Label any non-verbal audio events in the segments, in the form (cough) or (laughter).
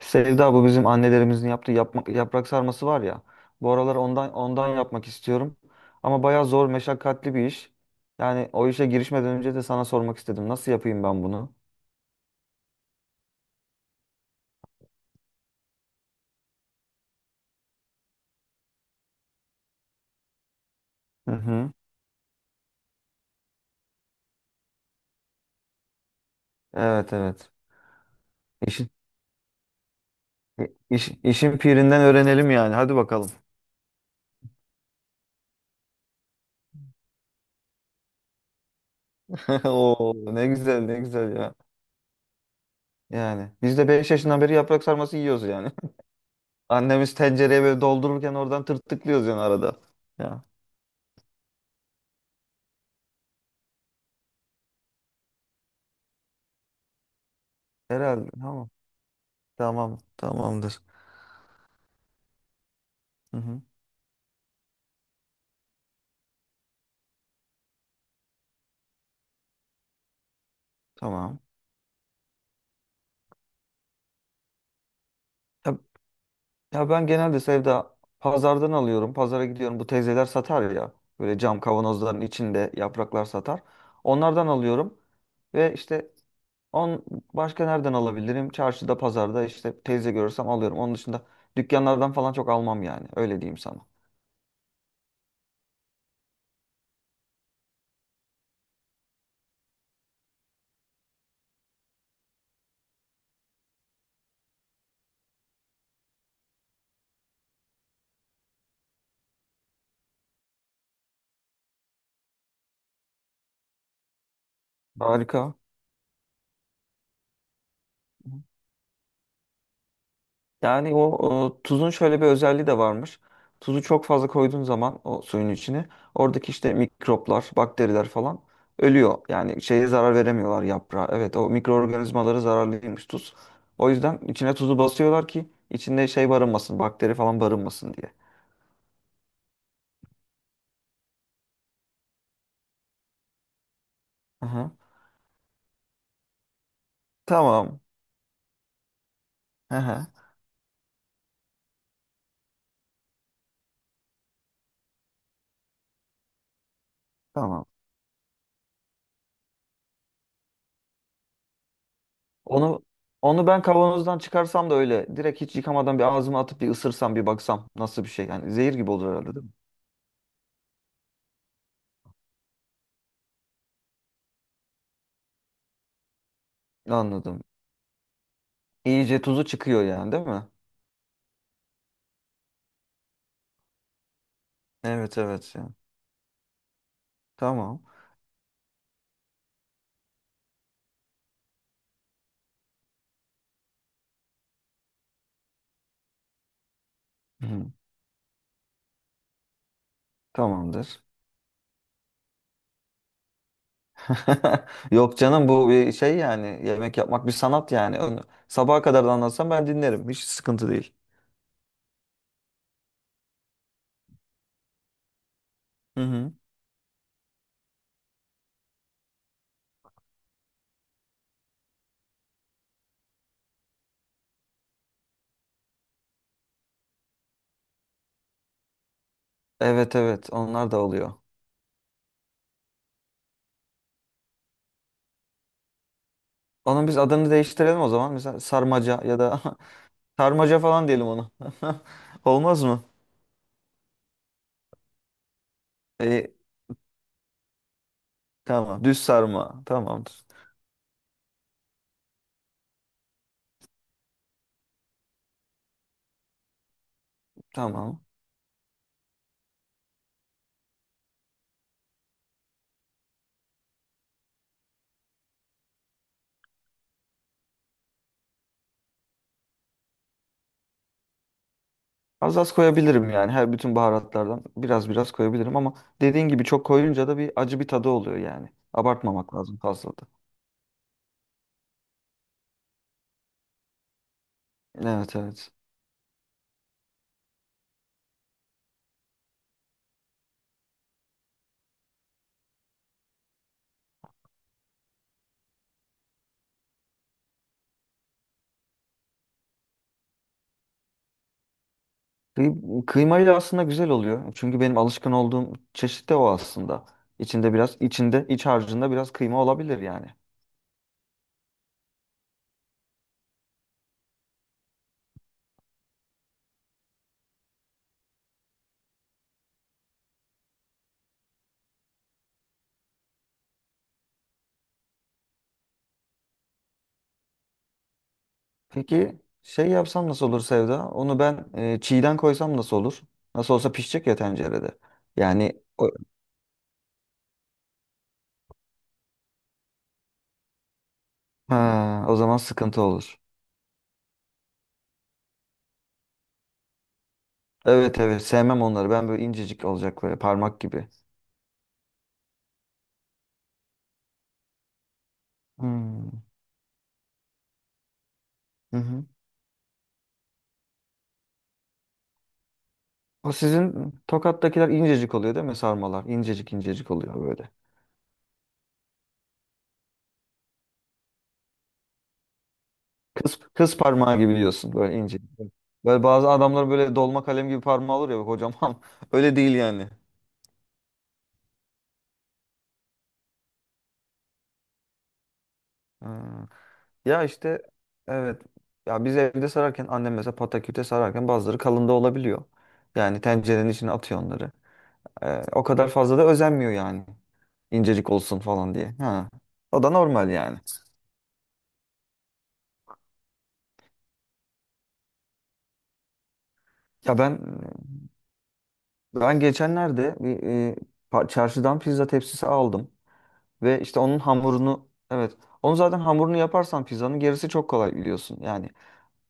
Sevda, bu bizim annelerimizin yaptığı yaprak sarması var ya. Bu aralar ondan yapmak istiyorum. Ama bayağı zor, meşakkatli bir iş. Yani o işe girişmeden önce de sana sormak istedim. Nasıl yapayım ben bunu? Hı hı. Evet, evet. İşin, işin pirinden öğrenelim yani. Hadi bakalım. (laughs) Oo, ne güzel ne güzel ya. Yani biz de 5 yaşından beri yaprak sarması yiyoruz yani. (laughs) Annemiz tencereye böyle doldururken oradan tırtıklıyoruz yani arada. Ya. Herhalde. Tamam. Tamam. Tamamdır. Hı hı. Tamam. Ya, ya ben genelde Sevda pazardan alıyorum. Pazara gidiyorum. Bu teyzeler satar ya. Böyle cam kavanozların içinde yapraklar satar. Onlardan alıyorum. Ve işte on başka nereden alabilirim? Çarşıda, pazarda işte teyze görürsem alıyorum. Onun dışında dükkanlardan falan çok almam yani. Öyle diyeyim sana. Harika. Yani o tuzun şöyle bir özelliği de varmış. Tuzu çok fazla koyduğun zaman o suyun içine oradaki işte mikroplar, bakteriler falan ölüyor. Yani şeye zarar veremiyorlar yaprağa. Evet, o mikroorganizmaları zararlıymış tuz. O yüzden içine tuzu basıyorlar ki içinde şey barınmasın, bakteri falan barınmasın diye. Aha. Tamam. Aha. Tamam. Onu onu ben kavanozdan çıkarsam da öyle direkt hiç yıkamadan bir ağzıma atıp bir ısırsam bir baksam nasıl bir şey, yani zehir gibi olur herhalde değil mi? Anladım. İyice tuzu çıkıyor yani değil mi? Evet, evet. Ya. Tamam. Hı. Tamamdır. (laughs) Yok canım, bu bir şey yani. Yemek yapmak bir sanat yani. Onu sabaha kadar da anlatsam ben dinlerim. Hiç sıkıntı değil. Hı hı. Evet, evet, onlar da oluyor. Onun biz adını değiştirelim o zaman. Mesela sarmaca ya da (laughs) sarmaca falan diyelim onu. (laughs) Olmaz mı? E, tamam. Düz sarma. Tamamdır. Tamam. Az az koyabilirim yani, her bütün baharatlardan biraz biraz koyabilirim ama dediğin gibi çok koyunca da bir acı bir tadı oluyor yani. Abartmamak lazım fazla da. Evet, evet. Kıymayla aslında güzel oluyor. Çünkü benim alışkın olduğum çeşit de o aslında. İçinde biraz, içinde iç harcında biraz kıyma olabilir yani. Peki şey yapsam nasıl olur Sevda? Onu ben çiğden koysam nasıl olur? Nasıl olsa pişecek ya tencerede. Yani o, ha, o zaman sıkıntı olur. Evet, evet, sevmem onları. Ben böyle incecik olacak, böyle parmak gibi. Hmm. Hı hı. O sizin Tokat'takiler incecik oluyor değil mi sarmalar? İncecik incecik oluyor böyle. Kız, kız parmağı gibi diyorsun, böyle ince. Böyle bazı adamlar böyle dolma kalem gibi parmağı olur ya bak, kocaman. (laughs) Öyle değil yani. Hmm. Ya işte evet. Ya biz evde sararken annem mesela pataküte sararken bazıları kalın da olabiliyor. Yani tencerenin içine atıyor onları. O kadar fazla da özenmiyor yani. İncecik olsun falan diye. Ha. O da normal yani. Ya ben Ben geçenlerde bir çarşıdan pizza tepsisi aldım ve işte onun hamurunu, evet, onu zaten hamurunu yaparsan pizzanın gerisi çok kolay, biliyorsun. Yani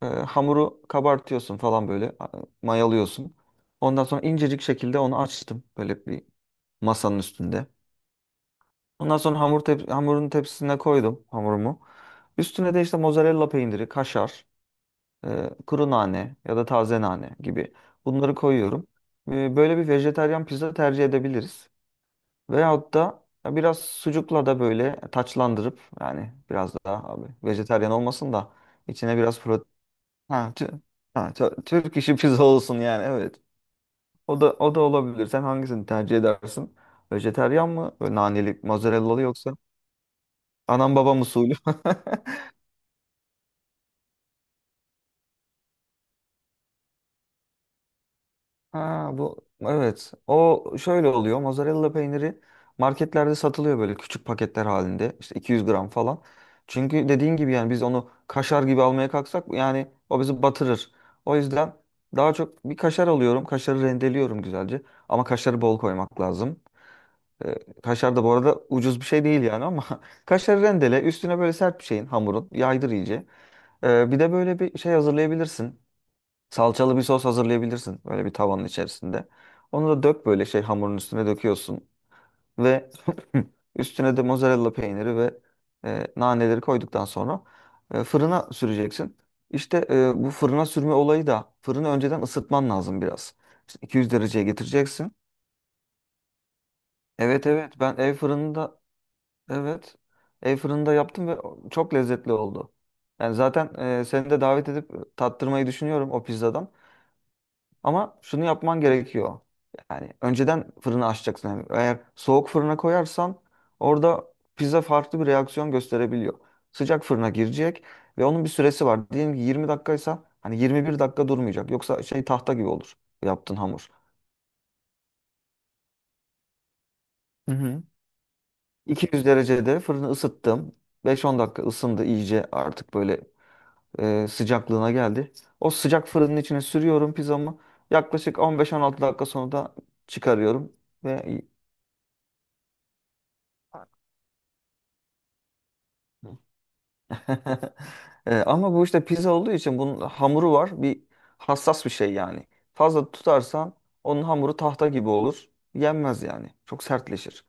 hamuru kabartıyorsun falan, böyle mayalıyorsun. Ondan sonra incecik şekilde onu açtım böyle bir masanın üstünde. Ondan sonra hamurun tepsisine koydum hamurumu. Üstüne de işte mozzarella peyniri, kaşar, kuru nane ya da taze nane gibi bunları koyuyorum. E, böyle bir vejetaryen pizza tercih edebiliriz. Veyahut da biraz sucukla da böyle taçlandırıp, yani biraz daha, abi, vejetaryen olmasın da içine biraz protein. Ha, tü- Türk işi pizza olsun yani, evet. O da, o da olabilir. Sen hangisini tercih edersin? Vejetaryen mı? Böyle naneli, mozzarella'lı, yoksa anam babam usulü. (laughs) Ha, bu evet. O şöyle oluyor. Mozzarella peyniri marketlerde satılıyor böyle küçük paketler halinde. İşte 200 gram falan. Çünkü dediğin gibi yani biz onu kaşar gibi almaya kalksak, yani o bizi batırır. O yüzden daha çok bir kaşar alıyorum. Kaşarı rendeliyorum güzelce. Ama kaşarı bol koymak lazım. Ee, kaşar da bu arada ucuz bir şey değil yani ama (laughs) kaşarı rendele, üstüne böyle sert bir şeyin hamurun yaydır iyice. Bir de böyle bir şey hazırlayabilirsin. Salçalı bir sos hazırlayabilirsin böyle bir tavanın içerisinde. Onu da dök, böyle şey hamurun üstüne döküyorsun ve (clears throat) üstüne de mozzarella peyniri ve naneleri koyduktan sonra fırına süreceksin. İşte bu fırına sürme olayı da, fırını önceden ısıtman lazım biraz. İşte 200 dereceye getireceksin. Evet, evet, ben ev fırında, evet, ev fırında yaptım ve çok lezzetli oldu. Yani zaten seni de davet edip tattırmayı düşünüyorum o pizzadan. Ama şunu yapman gerekiyor. Yani önceden fırını açacaksın. Yani eğer soğuk fırına koyarsan orada pizza farklı bir reaksiyon gösterebiliyor. Sıcak fırına girecek ve onun bir süresi var. Diyelim ki 20 dakikaysa hani 21 dakika durmayacak. Yoksa şey tahta gibi olur yaptığın hamur. Hı hı. 200 derecede fırını ısıttım. 5-10 dakika ısındı iyice, artık böyle sıcaklığına geldi. O sıcak fırının içine sürüyorum pizzamı. Yaklaşık 15-16 dakika sonra da çıkarıyorum ve (laughs) ama bu işte pizza olduğu için bunun hamuru var. Bir hassas bir şey yani. Fazla tutarsan onun hamuru tahta gibi olur. Yenmez yani. Çok sertleşir.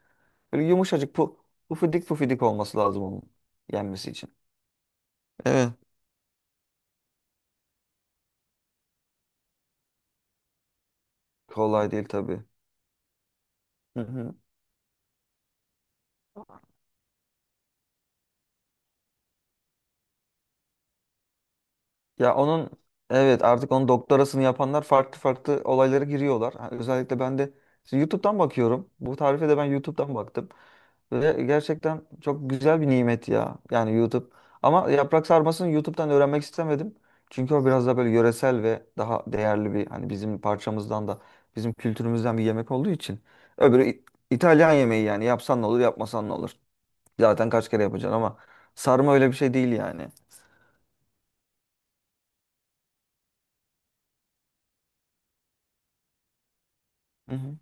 Böyle yumuşacık, pufidik pufidik olması lazım onun yenmesi için. Evet. Kolay değil tabii. Hı hı. Ya onun Evet, artık onun doktorasını yapanlar farklı farklı olaylara giriyorlar. Ha, özellikle ben de şimdi YouTube'dan bakıyorum. Bu tarife de ben YouTube'dan baktım. Ve gerçekten çok güzel bir nimet ya. Yani YouTube. Ama yaprak sarmasını YouTube'dan öğrenmek istemedim. Çünkü o biraz da böyle yöresel ve daha değerli, bir hani bizim parçamızdan da, bizim kültürümüzden bir yemek olduğu için. Öbürü İtalyan yemeği, yani yapsan ne olur yapmasan ne olur. Zaten kaç kere yapacaksın, ama sarma öyle bir şey değil yani. Hı hı.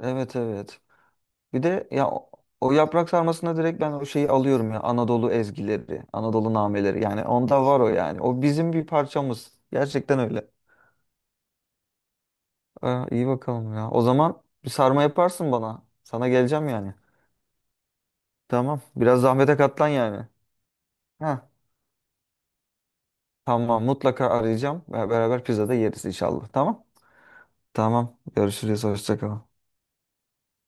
Evet, evet. Bir de ya o yaprak sarmasına, direkt ben o şeyi alıyorum ya, Anadolu ezgileri, Anadolu nameleri, yani onda var o yani. O bizim bir parçamız. Gerçekten öyle. Aa, iyi bakalım ya. O zaman bir sarma yaparsın bana. Sana geleceğim yani. Tamam. Biraz zahmete katlan yani. Ha. Tamam, mutlaka arayacağım. Beraber pizzada yeriz inşallah. Tamam. Tamam. Görüşürüz. Hoşça kal.